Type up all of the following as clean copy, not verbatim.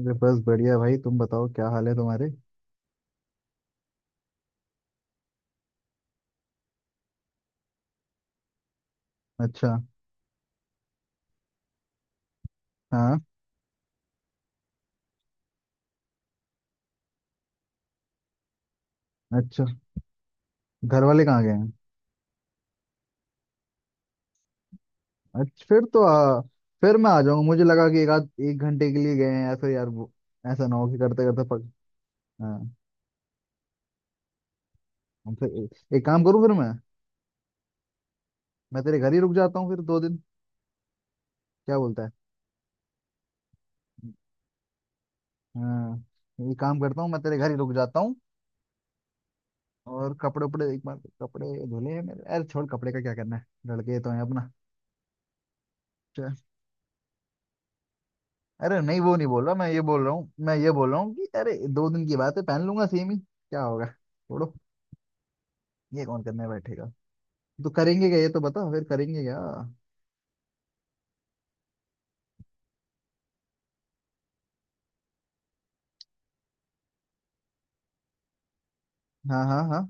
अरे बस बढ़िया भाई। तुम बताओ क्या हाल है तुम्हारे। अच्छा। हाँ। अच्छा, घर वाले कहाँ गए हैं? अच्छा फिर तो फिर मैं आ जाऊंगा। मुझे लगा कि एक आध एक घंटे के लिए गए हैं, या फिर यार वो ऐसा ना हो कि करते करते पक। हाँ। हम फिर एक काम करूँ फिर मैं तेरे घर ही रुक जाता हूँ फिर दो दिन। क्या बोलता है? हाँ, ये काम करता हूँ, मैं तेरे घर ही रुक जाता हूँ। और कपड़े उपड़े एक बार। कपड़े धुले हैं मेरे। अरे छोड़, कपड़े का क्या करना है, लड़के तो हैं अपना। अच्छा। अरे नहीं, वो नहीं बोल रहा मैं ये बोल रहा हूँ मैं ये बोल रहा हूँ कि अरे दो दिन की बात है, पहन लूंगा, सेम ही क्या होगा, छोड़ो। ये कौन करने बैठेगा? तो करेंगे क्या? ये तो बता, फिर करेंगे क्या? हाँ, हाँ, हाँ।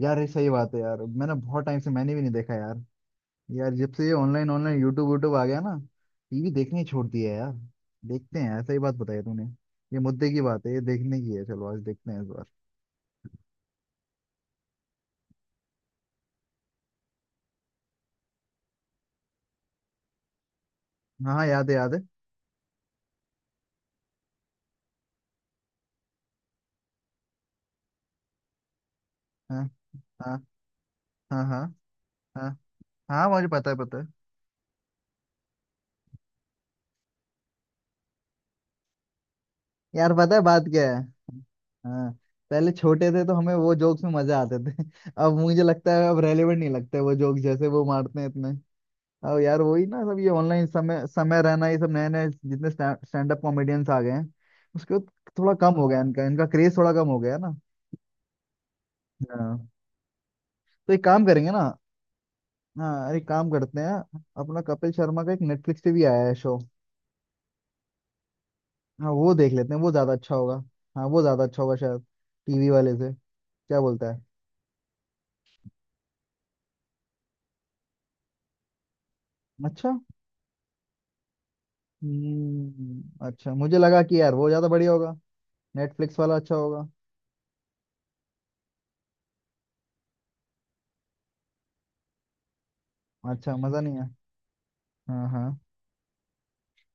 यार ये सही बात है। यार मैंने बहुत टाइम से मैंने भी नहीं देखा यार। यार जब से ये ऑनलाइन ऑनलाइन यूट्यूब यूट्यूब आ गया ना, टीवी देखने ही छोड़ दिया है यार। देखते हैं यार, सही बात बताई तूने। ये मुद्दे की बात है, ये देखने की है। चलो आज देखते हैं इस बार। हाँ, हाँ, याद है, याद है। हाँ, हाँ, हाँ, हाँ, हाँ, हाँ, मुझे पता है, पता है। यार पता है बात क्या है? हाँ। पहले छोटे थे तो हमें वो जोक्स में मजा आते थे। अब मुझे लगता है, अब रेलेवेंट नहीं लगता है वो जोक्स, जैसे वो मारते हैं इतने। अब यार वही ना, सब ये ऑनलाइन समय समय रहना, ये सब नए नए जितने स्टैंड अप कॉमेडियंस आ गए हैं उसके बाद थोड़ा कम हो गया। हाँ, इनका इनका क्रेज थोड़ा कम हो गया है ना। हाँ, तो एक काम करेंगे ना। हाँ, एक काम करते हैं। अपना कपिल शर्मा का एक नेटफ्लिक्स पे भी आया है शो। हाँ, वो देख लेते हैं, वो ज्यादा अच्छा होगा। हाँ, वो ज्यादा अच्छा होगा शायद, टीवी वाले से। क्या बोलता है? अच्छा। हम्म, अच्छा, मुझे लगा कि यार वो ज्यादा बढ़िया होगा, नेटफ्लिक्स वाला अच्छा होगा। अच्छा, मजा नहीं है। हाँ, हाँ।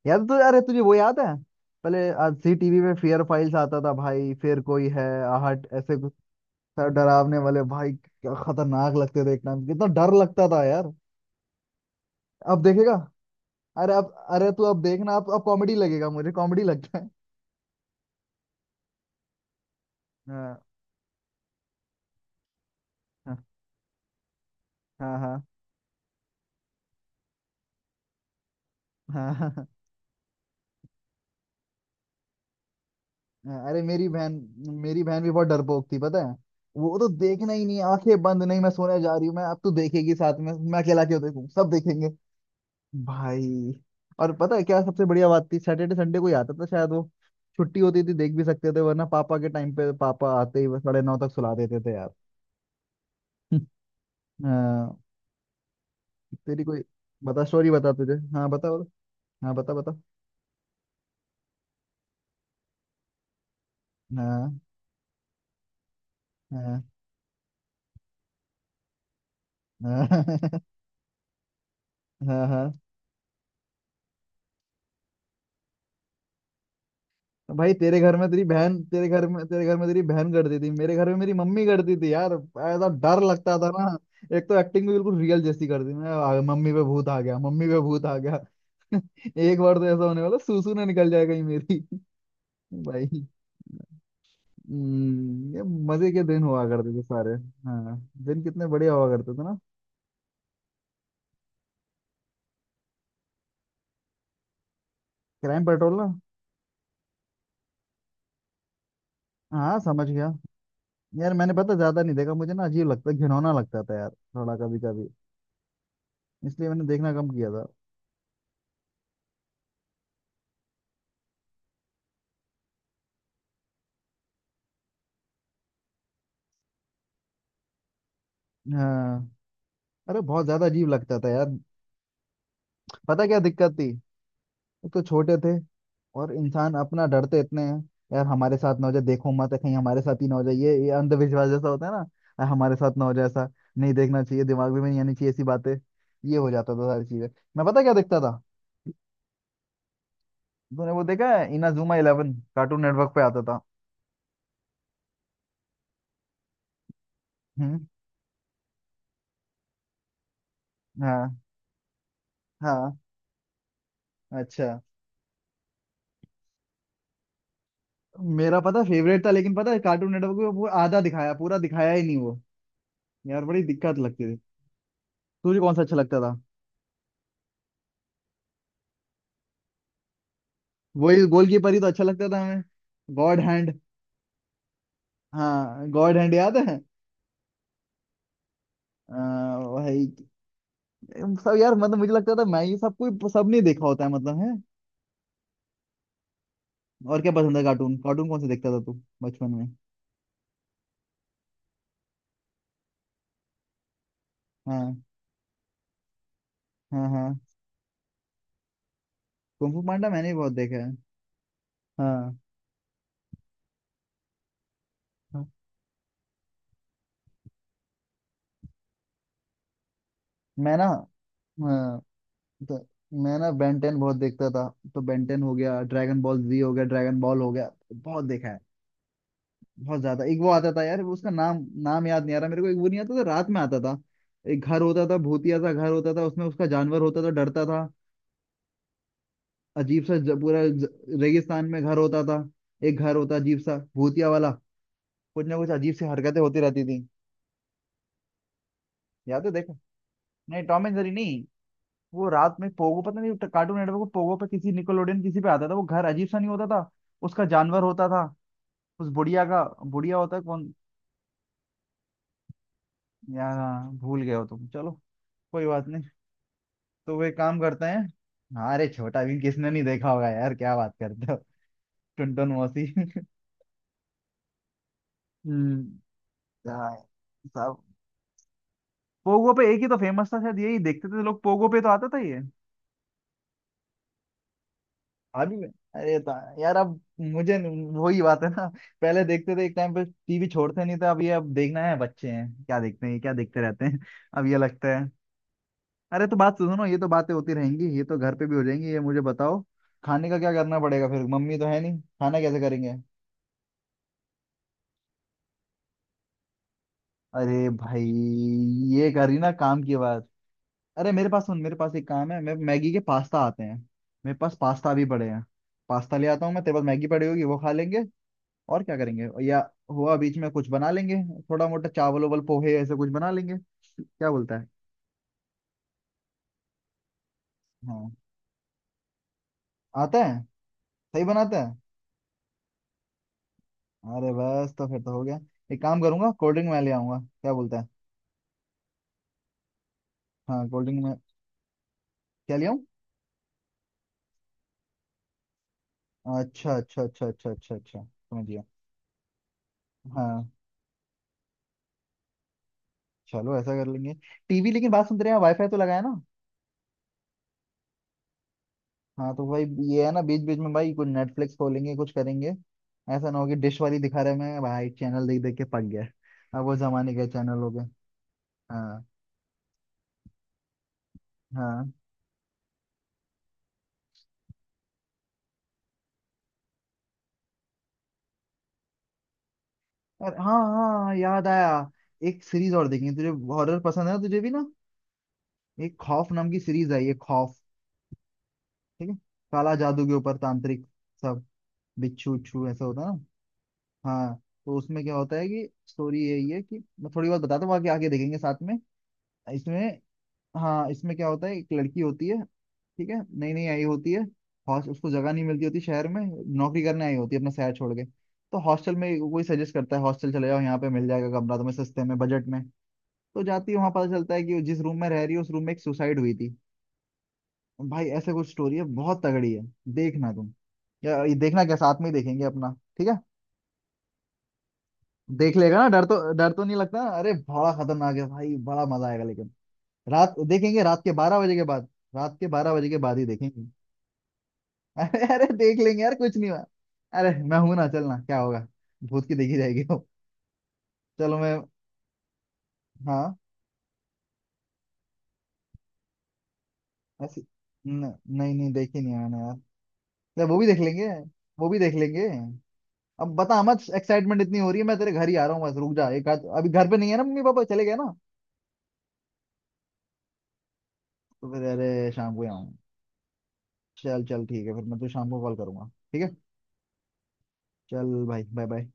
याद तो यार है, तुझे वो याद है? पहले आज जी टीवी पे फेयर फाइल्स आता था भाई, फिर कोई है, आहट, ऐसे कुछ। सारे डरावने वाले भाई, क्या खतरनाक लगते थे, एक टाइम कितना डर लगता था यार। अब देखेगा, अरे अब, अरे तू अब देखना, अब कॉमेडी लगेगा, मुझे कॉमेडी लगता है। हाँ, हाँ, हाँ, हाँ, हाँ। हाँ। अरे, मेरी बहन भी बहुत डरपोक थी, पता है। वो तो देखना ही नहीं, आंखें बंद, नहीं मैं सोने जा रही हूँ मैं, अब तू देखेगी साथ में, मैं अकेला क्यों देखूं, सब देखेंगे। भाई। और पता है क्या सबसे बढ़िया बात थी, सैटरडे संडे को ही आता था शायद वो, छुट्टी होती थी देख भी सकते थे, वरना पापा के टाइम पे पापा आते ही बस साढ़े नौ तक सुला देते थे यार। हाँ। तेरी कोई बता, स्टोरी बता तुझे, हाँ, बता बता। हाँ, बता बता। हाँ, हाँ, हाँ। हाँ, हाँ। भाई, तेरे घर में तेरी बहन, तेरे घर में तेरी बहन करती थी, मेरे घर में मेरी मम्मी करती थी यार, ऐसा डर लगता था ना। एक तो एक्टिंग भी बिल्कुल रियल जैसी करती थी। मैं मम्मी पे भूत आ गया, मम्मी पे भूत आ गया। एक बार तो ऐसा होने वाला, सूसू ना निकल जाए कहीं मेरी। भाई। ये मजे के दिन हुआ करते थे सारे। हाँ। दिन कितने बढ़िया हुआ करते थे ना। क्राइम पेट्रोल ना। हाँ, समझ गया। यार मैंने पता ज्यादा नहीं देखा, मुझे ना अजीब लगता, घिनौना लगता था यार, थोड़ा कभी कभी, इसलिए मैंने देखना कम किया था। हाँ, अरे बहुत ज्यादा अजीब लगता था यार। पता क्या दिक्कत थी? एक तो छोटे थे, और इंसान अपना डरते इतने हैं। यार हमारे साथ ना हो जाए, देखो मत, कहीं हमारे साथ ही ना हो जाए, ये अंधविश्वास जैसा होता है ना। "अरे हमारे साथ ना हो जाए ऐसा, नहीं देखना चाहिए, दिमाग में नहीं आनी चाहिए ऐसी बातें। ये हो जाता था सारी चीजें। मैं पता क्या देखता था? तूने वो देखा है इनाजुमा इलेवन, कार्टून नेटवर्क पे आता था। हम्म। हाँ, हाँ। अच्छा। मेरा पता फेवरेट था, लेकिन पता है कार्टून नेटवर्क पे वो आधा दिखाया, पूरा दिखाया ही नहीं वो। यार बड़ी दिक्कत लगती थी। तुझे कौन सा अच्छा लगता? वही गोलकीपर ही तो अच्छा लगता था हमें। God Hand. हाँ, गॉड हैंड याद है। भाई, सब यार मतलब, मुझे लगता था मैं ये सब, कोई सब नहीं देखा होता है, मतलब है। और क्या पसंद है? कार्टून कार्टून कौन से देखता था तू बचपन में? हाँ, हाँ। हाँ। कुंग फू पांडा मैंने भी बहुत देखा है। हाँ, हाँ। मैं ना। हाँ। तो मैं ना बेंटेन बहुत देखता था, तो बेंटेन हो गया, ड्रैगन बॉल जी हो गया, ड्रैगन बॉल हो गया, बहुत देखा है। बहुत ज्यादा, एक वो आता था यार, वो उसका नाम, नाम याद नहीं आ रहा मेरे को, एक वो नहीं आता था, रात में आता था। एक घर होता था, भूतिया सा घर होता था, उसमें उसका जानवर होता था, डरता था। अजीब सा पूरा रेगिस्तान में घर होता था। एक घर होता अजीब सा भूतिया वाला, कुछ ना कुछ अजीब सी हरकतें होती रहती थी। याद है देखो। नहीं टॉम एंड जेरी नहीं, वो रात में पोगो, पता नहीं कार्टून नेटवर्क को पोगो पे किसी निकोलोडियन किसी पे आता था, वो घर अजीब सा नहीं होता था? उसका जानवर होता था, उस बुढ़िया का। बुढ़िया होता है कौन? यार हाँ, भूल गए हो तुम, चलो, कोई बात नहीं। तो वे काम करते हैं। हाँ, अरे छोटा भीम किसने नहीं देखा होगा यार, क्या बात करते हो? टुनटुन मौसी। हम्म। हाँ, सब पोगो पे एक ही तो फेमस था शायद, यही देखते थे लोग, पोगो पे तो आता था ये। अभी अरे तो, यार अब मुझे वही बात है ना। पहले देखते थे, एक टाइम पे टीवी छोड़ते नहीं थे। अब ये, अब देखना है बच्चे हैं क्या देखते हैं, ये क्या देखते रहते हैं। अब ये लगता है। अरे तो बात सुनो ना, ये तो बातें होती रहेंगी, ये तो घर पे भी हो जाएंगी, ये मुझे बताओ। खाने का क्या करना पड़ेगा फिर? मम्मी तो है नहीं, खाना कैसे करेंगे? अरे भाई, ये करी ना काम की बात। अरे मेरे पास सुन, मेरे पास एक काम है, मैं मैगी के पास्ता आते हैं। मेरे पास पास्ता भी पड़े हैं। पास्ता ले आता हूँ मैं, तेरे पास मैगी पड़ी होगी वो खा लेंगे। और क्या करेंगे या हुआ बीच में कुछ बना लेंगे। थोड़ा मोटा चावल उवल पोहे, ऐसे कुछ बना लेंगे। क्या बोलता है? हाँ, आता है। सही बनाता है। अरे बस, तो फिर तो हो गया। एक काम करूंगा, कोल्ड ड्रिंक मैं ले आऊंगा, क्या बोलता है? हाँ, कोल्ड ड्रिंक में क्या ले आऊं? अच्छा, अच्छा, अच्छा, अच्छा, अच्छा, अच्छा, समझ गया। हाँ, चलो ऐसा कर लेंगे। टीवी, लेकिन बात सुन, तेरे यहाँ वाईफाई तो लगाया ना? हाँ, तो भाई ये है ना, बीच बीच में भाई कुछ नेटफ्लिक्स खोलेंगे, कुछ करेंगे। ऐसा ना हो कि डिश वाली दिखा रहे मैं, भाई चैनल देख देख के पक गया, अब वो जमाने के चैनल हो गए। हाँ, हाँ, अरे हाँ, हाँ, याद आया। एक सीरीज और देखेंगे, तुझे हॉरर पसंद है ना, तुझे भी ना। एक खौफ नाम की सीरीज आई है, खौफ। ठीक है, काला जादू के ऊपर, तांत्रिक, सब, बिच्छू उच्छू ऐसा होता है ना। हाँ, तो उसमें क्या होता है कि स्टोरी यही है, कि मैं थोड़ी बहुत बताता हूँ, बाकी आगे देखेंगे साथ में। इसमें, हाँ, इसमें क्या होता है, एक लड़की होती है, ठीक है, नई नई आई होती है। हॉस उसको जगह नहीं मिलती होती शहर में, नौकरी करने आई होती है अपना शहर छोड़ के। तो हॉस्टल में कोई सजेस्ट करता है, हॉस्टल चले जाओ, यहाँ पे मिल जाएगा कमरा तुम्हें सस्ते में, बजट में। तो जाती है वहां, पता चलता है कि जिस रूम में रह रही है, उस रूम में एक सुसाइड हुई थी। भाई ऐसे कुछ स्टोरी है, बहुत तगड़ी है। देखना तुम, या ये देखना क्या, साथ में ही देखेंगे अपना। ठीक है, देख लेगा ना, डर तो नहीं लगता ना? अरे बड़ा खतरनाक है भाई, बड़ा मजा आएगा लेकिन। रात देखेंगे, रात के 12 बजे के बाद। रात के बारह बजे के बाद ही देखेंगे। अरे, अरे, देख लेंगे यार, कुछ नहीं हुआ। अरे मैं हूं ना, चलना क्या होगा, भूत की देखी जाएगी वो। चलो मैं, हाँ ऐसी न, नहीं, नहीं देखी नहीं मैंने यार। चल वो भी देख लेंगे, वो भी देख लेंगे। अब बता मत, एक्साइटमेंट इतनी हो रही है, मैं तेरे घर ही आ रहा हूँ बस, रुक जा एक आध, अभी घर पे नहीं है ना मम्मी पापा, चले गए ना? तो फिर अरे शाम को ही आऊँ? चल चल, ठीक है, फिर मैं तुझे शाम को कॉल करूंगा। ठीक है। चल भाई, बाय बाय।